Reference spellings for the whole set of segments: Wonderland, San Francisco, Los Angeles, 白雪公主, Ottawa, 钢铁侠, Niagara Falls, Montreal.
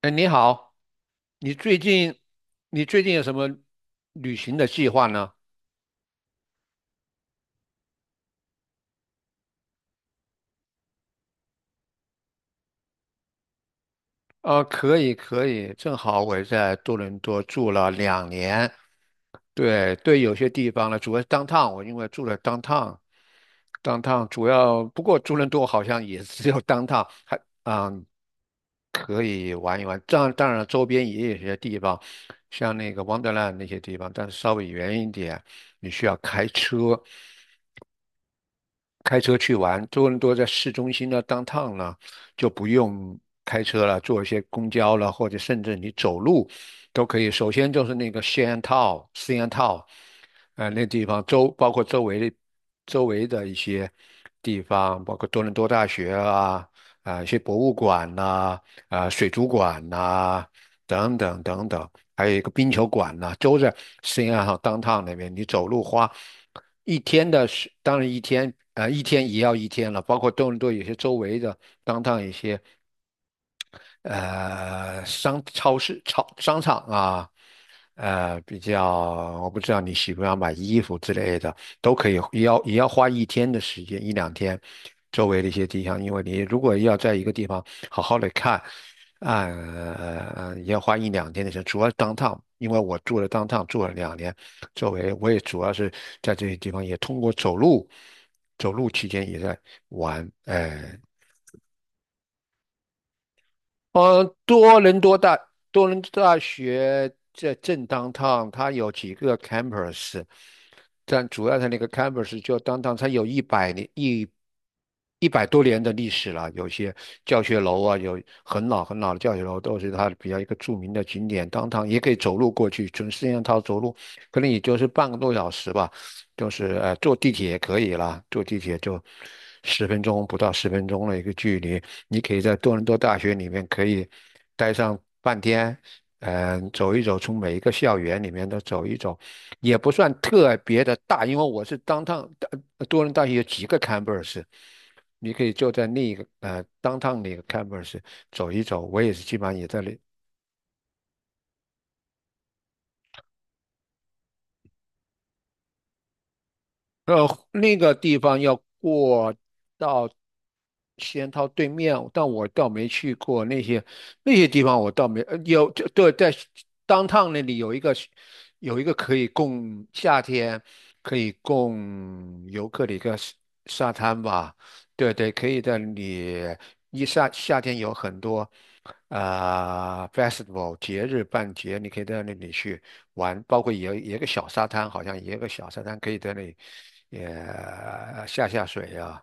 哎，你好，你最近你最近有什么旅行的计划呢？可以可以，正好我也在多伦多住了两年，对对，有些地方呢，主要是 downtown，我因为住了 downtown。downtown 主要不过多伦多好像也只有 downtown，还嗯可以玩一玩，当然了周边也有些地方，像那个 Wonderland 那些地方，但是稍微远一点，你需要开车。开车去玩，多伦多在市中心呢，downtown 呢，就不用开车了，坐一些公交了，或者甚至你走路都可以。首先就是那个 Shantou、那地方包括周围的一些地方，包括多伦多大学啊，一些博物馆呐、啊，水族馆呐、等等等等，还有一个冰球馆呐、都在 s 安 a downtown 那边，你走路花。一天的是，当然一天，一天也要一天了，包括多伦多有些周围的一些，商超市、超商场啊，比较我不知道你喜不喜欢买衣服之类的，都可以，也要花一天的时间，一两天，周围的一些地方，因为你如果要在一个地方好好的看，也要花一两天的时间，主要 downtown，是 downtown，因为我住了 downtown 住了两年，周围我也主要是在这些地方，也通过走路，走路期间也在玩呃，多伦多大多伦多大学在正 downtown，它有几个 campus，但主要的那个 campus 就 downtown，它有一百多年的历史了，有些教学楼啊，有很老很老的教学楼都是它比较一个著名的景点。downtown 也可以走路过去，从四政套走路，可能也就是半个多小时吧。就是坐地铁也可以啦，坐地铁就十分钟不到十分钟的一个距离，你可以在多伦多大学里面可以待上半天，走一走，从每一个校园里面都走一走，也不算特别的大，因为我是当趟多伦多大学有几个 campus。你可以就在那一个downtown 那个 campus 走一走，我也是基本上也在那呃，那个地方要过到仙桃对面，但我倒没去过那些地方，我倒没有就对，在那里有一个可以供夏天可以供游客的一个沙滩吧，对对，可以在那里夏天有很多。Festival 节日办节，你可以到那里去玩，包括也有个小沙滩，好像也有个小沙滩可以在那里也下水啊。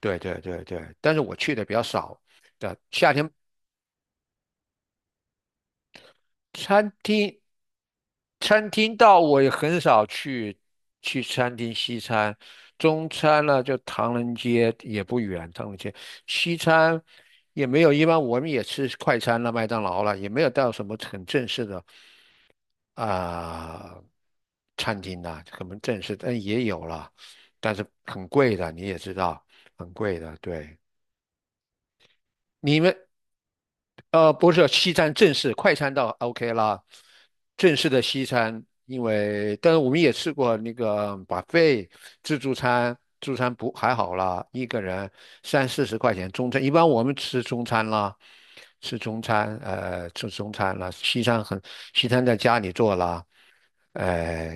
对对对对，但是我去的比较少的，夏天餐厅餐厅到我也很少去餐厅西餐，中餐呢就唐人街也不远，唐人街西餐也没有，一般我们也吃快餐了，麦当劳了，也没有到什么很正式的。啊、餐厅啦，可能正式，但也有了，但是很贵的，你也知道，很贵的。对，你们不是西餐正式快餐倒 OK 啦，正式的西餐，因为但是我们也吃过那个自助餐，自助餐不还好啦，一个人三四十块钱中餐，一般我们吃中餐啦。吃中餐，吃中餐啦，西餐很，西餐在家里做啦，呃，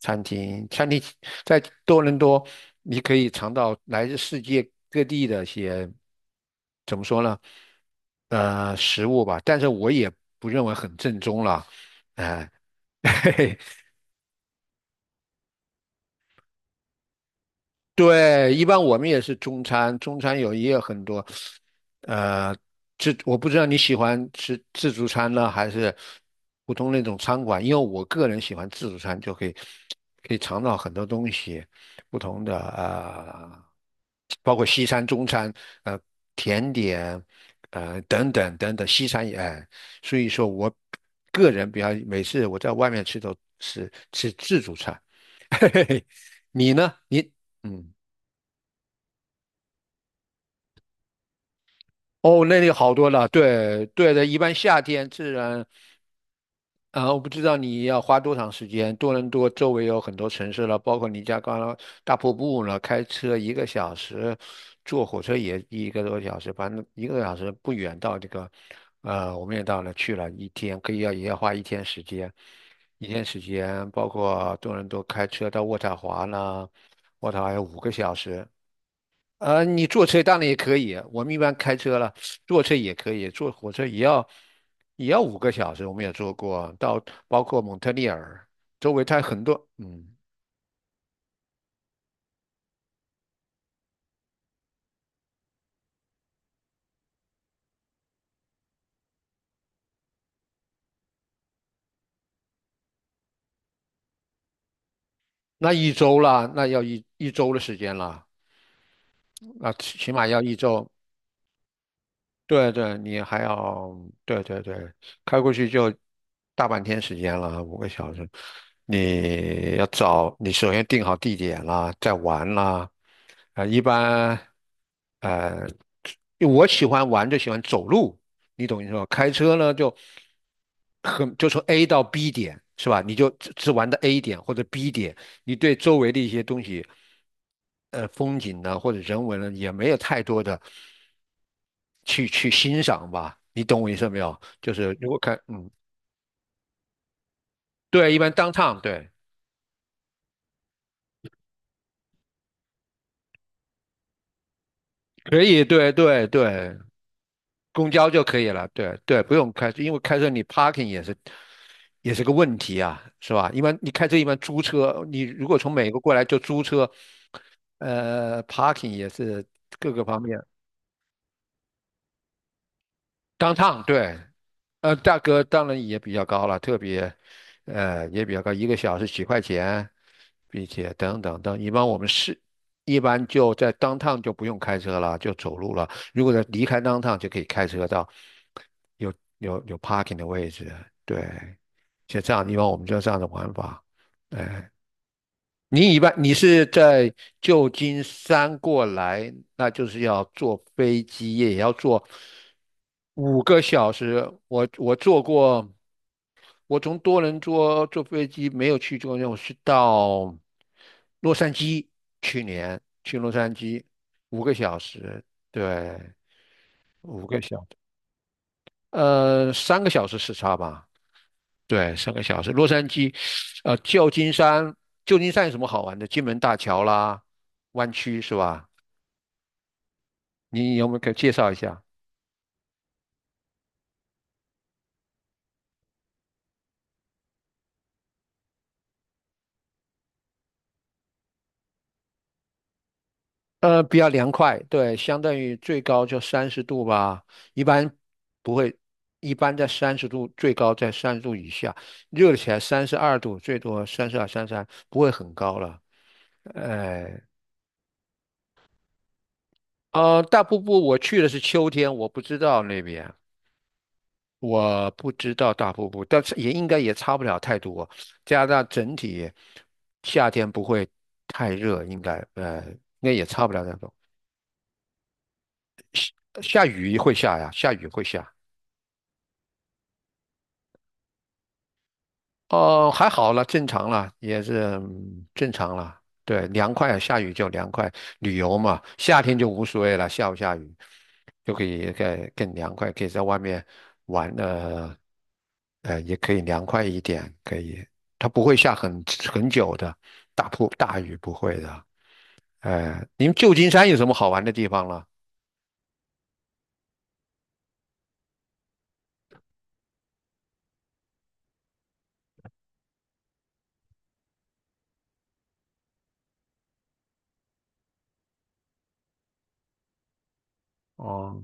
餐厅在多伦多，你可以尝到来自世界各地的一些，怎么说呢？食物吧，但是我也不认为很正宗了，哎、嘿嘿。对，一般我们也是中餐，中餐有也有很多，呃，我不知道你喜欢吃自助餐呢，还是普通那种餐馆，因为我个人喜欢自助餐，就可以尝到很多东西，不同的包括西餐、中餐，呃，甜点，等等等等，西餐也，哎所以说我个人比较每次我在外面吃都是吃自助餐，嘿嘿嘿，你呢？你嗯。哦，那里好多了，对对的，一般夏天自然，我不知道你要花多长时间。多伦多周围有很多城市了，包括尼加拉大瀑布了，开车一个小时，坐火车也一个多小时，反正一个多小时不远到这个，我们也去了一天，可以也要花一天时间，包括多伦多开车到渥太华啦，渥太华有五个小时，你坐车当然也可以，我们一般开车了，坐车也可以，坐火车也要五个小时，我们也坐过，到包括蒙特利尔周围，它很多，那一周啦，那要一周的时间啦，那起码要一周，对对，你还要对对对，开过去就大半天时间了，五个小时。你要找，你首先定好地点啦，再玩啦。一般，呃，因为我喜欢玩就喜欢走路，你懂意思吧？开车呢就很就从 A 到 B 点是吧？你就只玩的 A 点或者 B 点，你对周围的一些东西。风景呢，或者人文呢，也没有太多的去欣赏吧。你懂我意思没有？就是如果开，对，一般 downtown 对，可以，对对对，公交就可以了，对对，不用开车，因为开车你 parking 也是个问题啊，是吧？一般你开车一般租车，你如果从美国过来就租车，parking 也是各个方面 downtown 对。价格当然也比较高了，特别，也比较高，一个小时几块钱，并且等等等。一般我们是，一般就在当趟就不用开车了，就走路了。如果在离开当趟就可以开车到有有 parking 的位置。对，像这样，一般我们就这样的玩法。哎。你一般是在旧金山过来，那就是要坐飞机，也要坐五个小时。我坐过，我从多伦多坐飞机没有去过，我是到洛杉矶，去年去洛杉矶五个小时，对，五个小时，三个小时时差吧。对，三个小时。洛杉矶，旧金山，旧金山有什么好玩的？金门大桥啦，湾区是吧？你有没有给介绍一下？比较凉快，对，相当于最高就三十度吧，一般不会，一般在三十度，最高在三十度以下，热起来32度，最多32、33，不会很高了。哎，大瀑布我去的是秋天，我不知道那边。我不知道大瀑布，但是也应该也差不了太多。加拿大整体夏天不会太热，应该也差不了太多。下雨会下呀，下雨会下。哦，还好了，正常了，也是正常了。对，凉快啊，下雨就凉快，旅游嘛，夏天就无所谓了，下不下雨就可以更凉快，可以在外面玩，也可以凉快一点，可以，它不会下很久的，大雨不会的。哎，你们旧金山有什么好玩的地方了？哦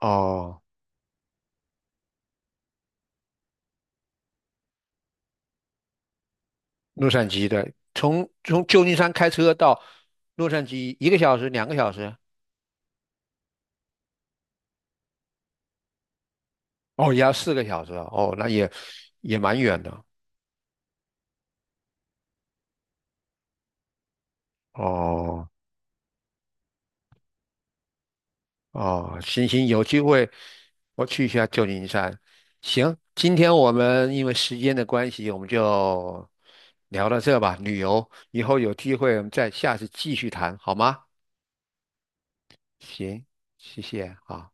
哦，洛杉矶的，从旧金山开车到洛杉矶一个小时、2个小时。哦，也要4个小时啊哦，那也蛮远的哦哦，行行，有机会我去一下旧金山。行，今天我们因为时间的关系，我们就聊到这吧。旅游以后有机会我们再下次继续谈，好吗？行，谢谢啊。好。